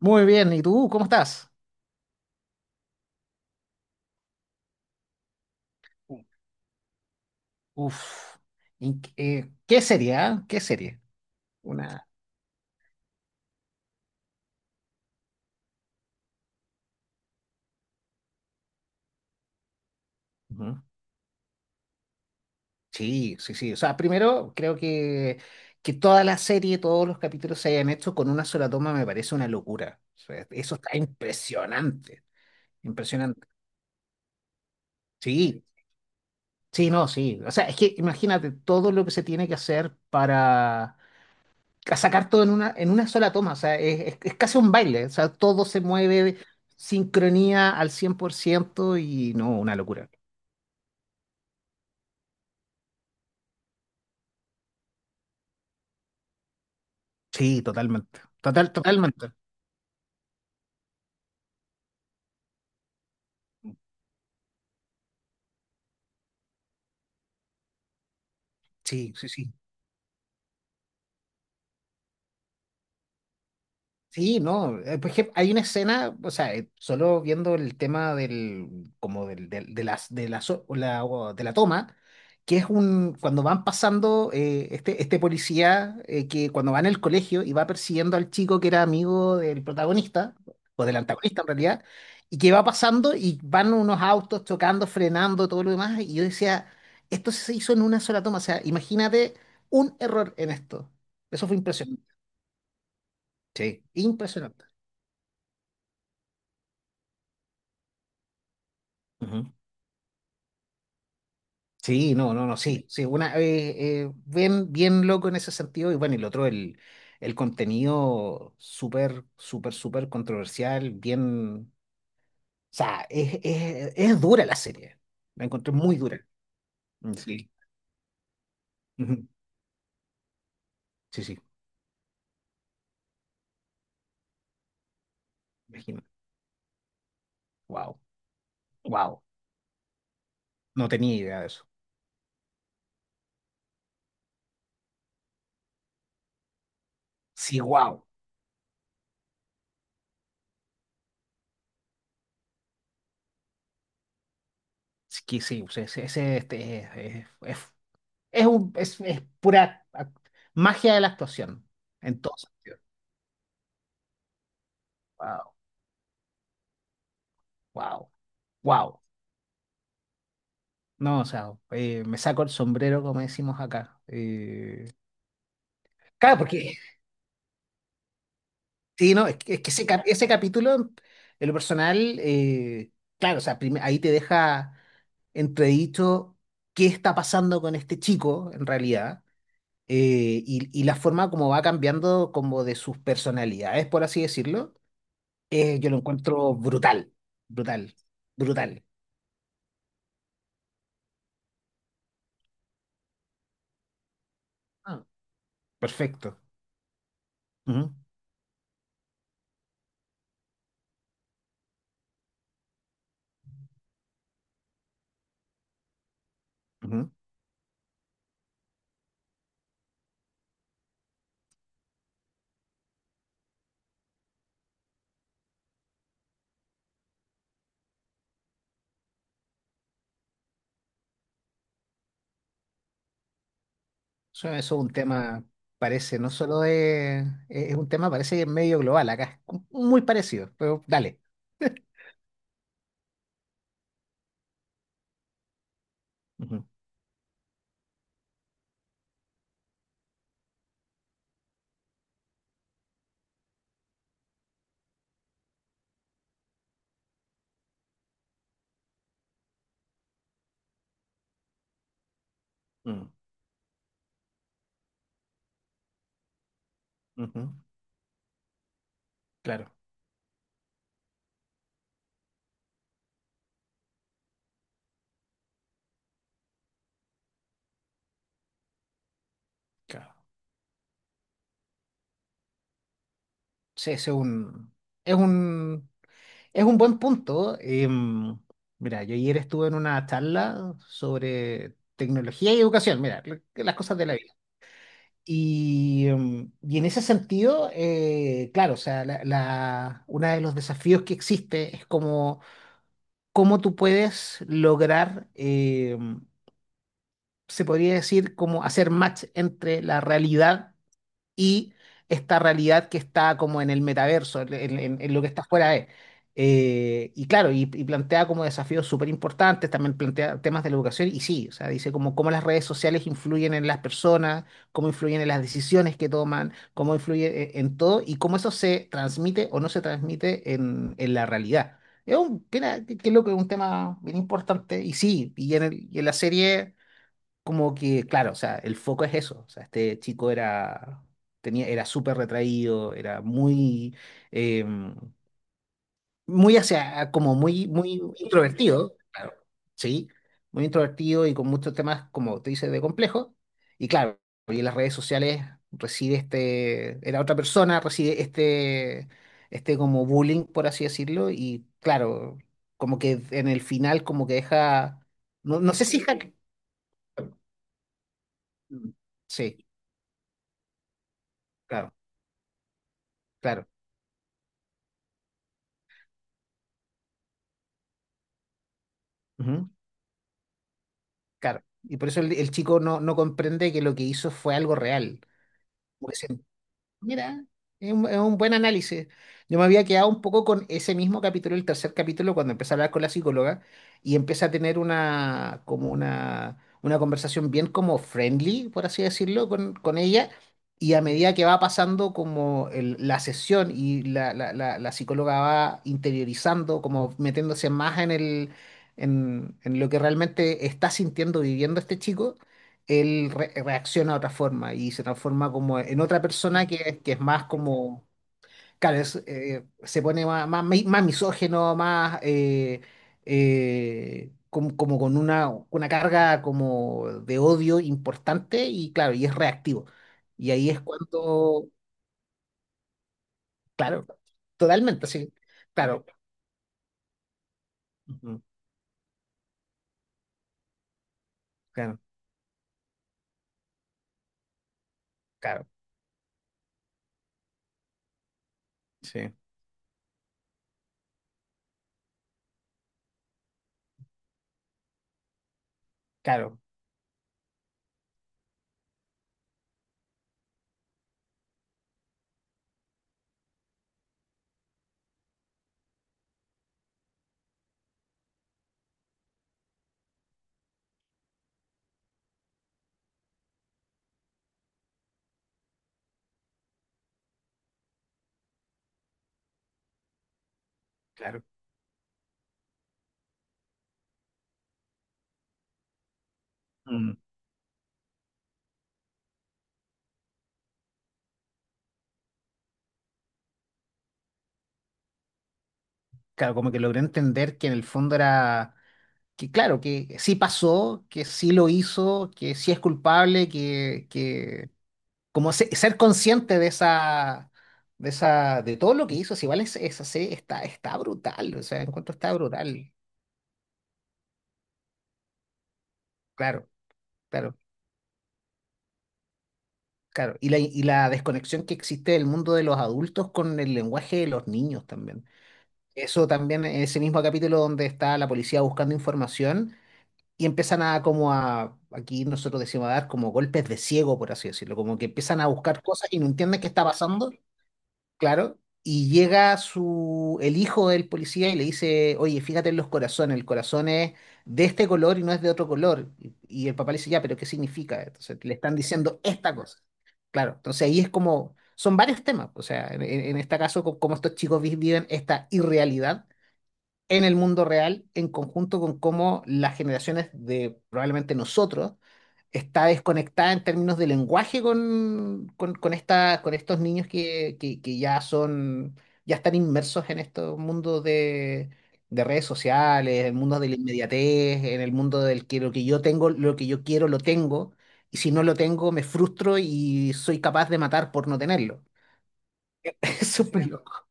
Muy bien, ¿y tú cómo estás? Uf, ¿en qué qué serie? Ah? ¿Qué serie? Una. Ujú. Sí, sí, sí, o sea, primero creo que toda la serie, todos los capítulos se hayan hecho con una sola toma me parece una locura. O sea, eso está impresionante, impresionante. Sí, sí, no, sí, o sea, es que imagínate todo lo que se tiene que hacer para a sacar todo en una sola toma, o sea, es casi un baile, o sea, todo se mueve, sincronía al 100% y no, una locura. Sí, totalmente, total, totalmente. Sí, sí, sí. Sí, no. Por ejemplo, hay una escena, o sea, solo viendo el tema del, como del, del- de las, de la, so- o la- o de la toma, que es cuando van pasando, este, este policía, que cuando va en el colegio y va persiguiendo al chico que era amigo del protagonista, o del antagonista en realidad, y que va pasando y van unos autos chocando, frenando, todo lo demás, y yo decía, esto se hizo en una sola toma, o sea, imagínate un error en esto. Eso fue impresionante. Sí, impresionante. Ujú. Sí, no, no, no, sí, sí, bien, bien loco en ese sentido, y bueno, y lo otro, el contenido súper, súper, súper controversial, bien, o sea, es dura la serie, la encontré muy dura. Mm, sí. Ujú. Sí, sí, imagino. Wow, wow, no tenía idea de eso, sí, wow, sí, que sí, o sea, este, es pura magia de la actuación, en todo sentido. Wow, wow, wow. No, o sea, me saco el sombrero, como decimos acá. Claro, porque, sí, no, es que ese capítulo, en lo personal, claro, o sea, ahí te deja entredicho qué está pasando con este chico, en realidad, y la forma como va cambiando como de sus personalidades, por así decirlo, yo lo encuentro brutal, brutal, brutal. Ah, perfecto. Ujú, ujú. Eso es un tema, parece, no solo de... Es un tema, parece que es medio global acá. Es muy parecido, pero dale. Ujú, mm, ujú. Claro, claro. Sí, ese es un... Es un, es un buen punto. Mira, yo ayer estuve en una charla sobre tecnología y educación. Mira, las cosas de la vida. Y, y en ese sentido, claro, o sea, uno de los desafíos que existe es como cómo tú puedes lograr, se podría decir, como hacer match entre la realidad y esta realidad que está como en el metaverso, en lo que está fuera de. Y claro, y plantea como desafíos súper importantes, también plantea temas de la educación y sí, o sea, dice como cómo las redes sociales influyen en las personas, cómo influyen en las decisiones que toman, cómo influye en todo y cómo eso se transmite o no se transmite en la realidad. Es un, que, era- que es lo que es un tema bien importante y sí, y en la serie como que, claro, o sea, el foco es eso. O sea, este chico tenía, era súper retraído, era muy, eh, muy hacia, como muy, muy introvertido, claro, sí, muy introvertido y con muchos temas, como te dices, de complejo. Y claro, y en las redes sociales recibe este, era otra persona, recibe este, este como bullying, por así decirlo, y claro, como que en el final, como que deja, no, no sé si deja, sí, claro. Claro. Ujú. Claro. Y por eso el chico no, no comprende que lo que hizo fue algo real. Porque se, mira, es un buen análisis. Yo me había quedado un poco con ese mismo capítulo, el tercer capítulo, cuando empieza a hablar con la psicóloga y empieza a tener como una conversación bien como friendly, por así decirlo, con ella. Y a medida que va pasando como la sesión y la psicóloga va interiorizando, como metiéndose más en el, en lo que realmente está sintiendo, viviendo este chico reacciona de otra forma y se transforma como en otra persona que es más como, claro, es, se pone más, más misógino, más como, como con una carga como de odio importante y claro, y es reactivo. Y ahí es cuando, claro, totalmente, sí, claro, ujú, claro, claro, sí, claro, claro. Mm. Claro, como que logré entender que en el fondo era que claro, que sí pasó, que sí lo hizo, que sí es culpable, que como ser consciente de esa, de esa, de todo lo que hizo, si vale es así está, está brutal, o sea, encuentro está brutal, claro, claro, claro. Y la desconexión que existe del mundo de los adultos con el lenguaje de los niños también. Eso también, en ese mismo capítulo donde está la policía buscando información. Y empiezan a como a, aquí nosotros decimos a dar como golpes de ciego, por así decirlo, como que empiezan a buscar cosas y no entienden qué está pasando, claro, y llega su, el hijo del policía y le dice, oye, fíjate en los corazones, el corazón es de este color y no es de otro color, y el papá le dice, ya, pero ¿qué significa? Entonces le están diciendo esta cosa, claro, entonces ahí es como, son varios temas, o sea, en, en este caso, como estos chicos viven esta irrealidad en el mundo real en conjunto con cómo las generaciones de probablemente nosotros está desconectada en términos de lenguaje con esta, con estos niños que, que ya son, ya están inmersos en estos mundos de redes sociales, en el mundo de la inmediatez, en el mundo del que lo que yo tengo, lo que yo quiero, lo tengo, y si no lo tengo, me frustro y soy capaz de matar por no tenerlo. es súper loco.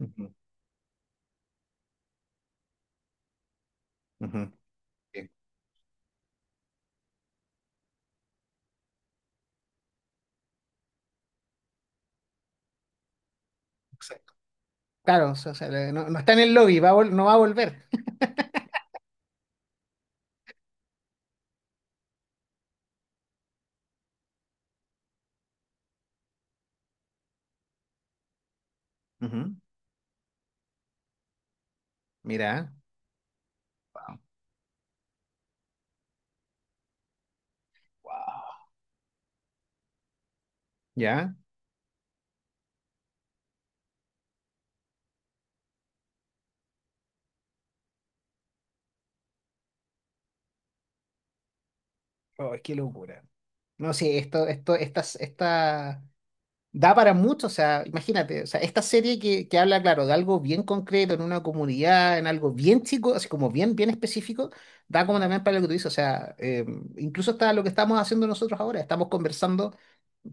Ujú, ujú. Sí, claro, o sea, no, no está en el lobby, no va a volver. Ujú. Mira. Wow. Ya. Oh, qué locura. No, sí, esto, esta, da para mucho, o sea, imagínate, o sea, esta serie que habla, claro, de algo bien concreto, en una comunidad, en algo bien chico, así como bien, bien específico, da como también para lo que tú dices, o sea, incluso hasta lo que estamos haciendo nosotros ahora, estamos conversando,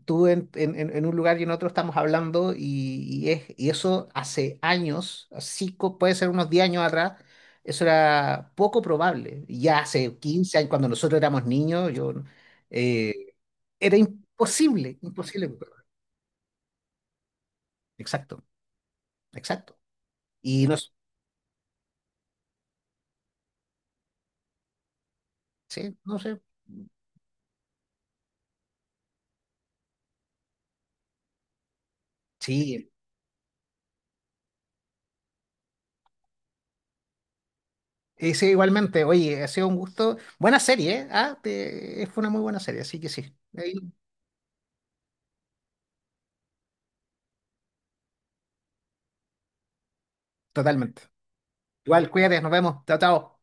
tú en, en un lugar y en otro estamos hablando, y es, y eso hace años, así puede ser unos 10 años atrás, eso era poco probable. Ya hace 15 años, cuando nosotros éramos niños, yo, eh, era imposible, imposible. Exacto, exacto. Y no, sí, no sé. Sí, y sí, igualmente. Oye, ha sido un gusto. Buena serie, ¿eh? Ah, fue una muy buena serie, así que sí. Ahí, totalmente. Igual, cuídate, nos vemos. Chao, chao.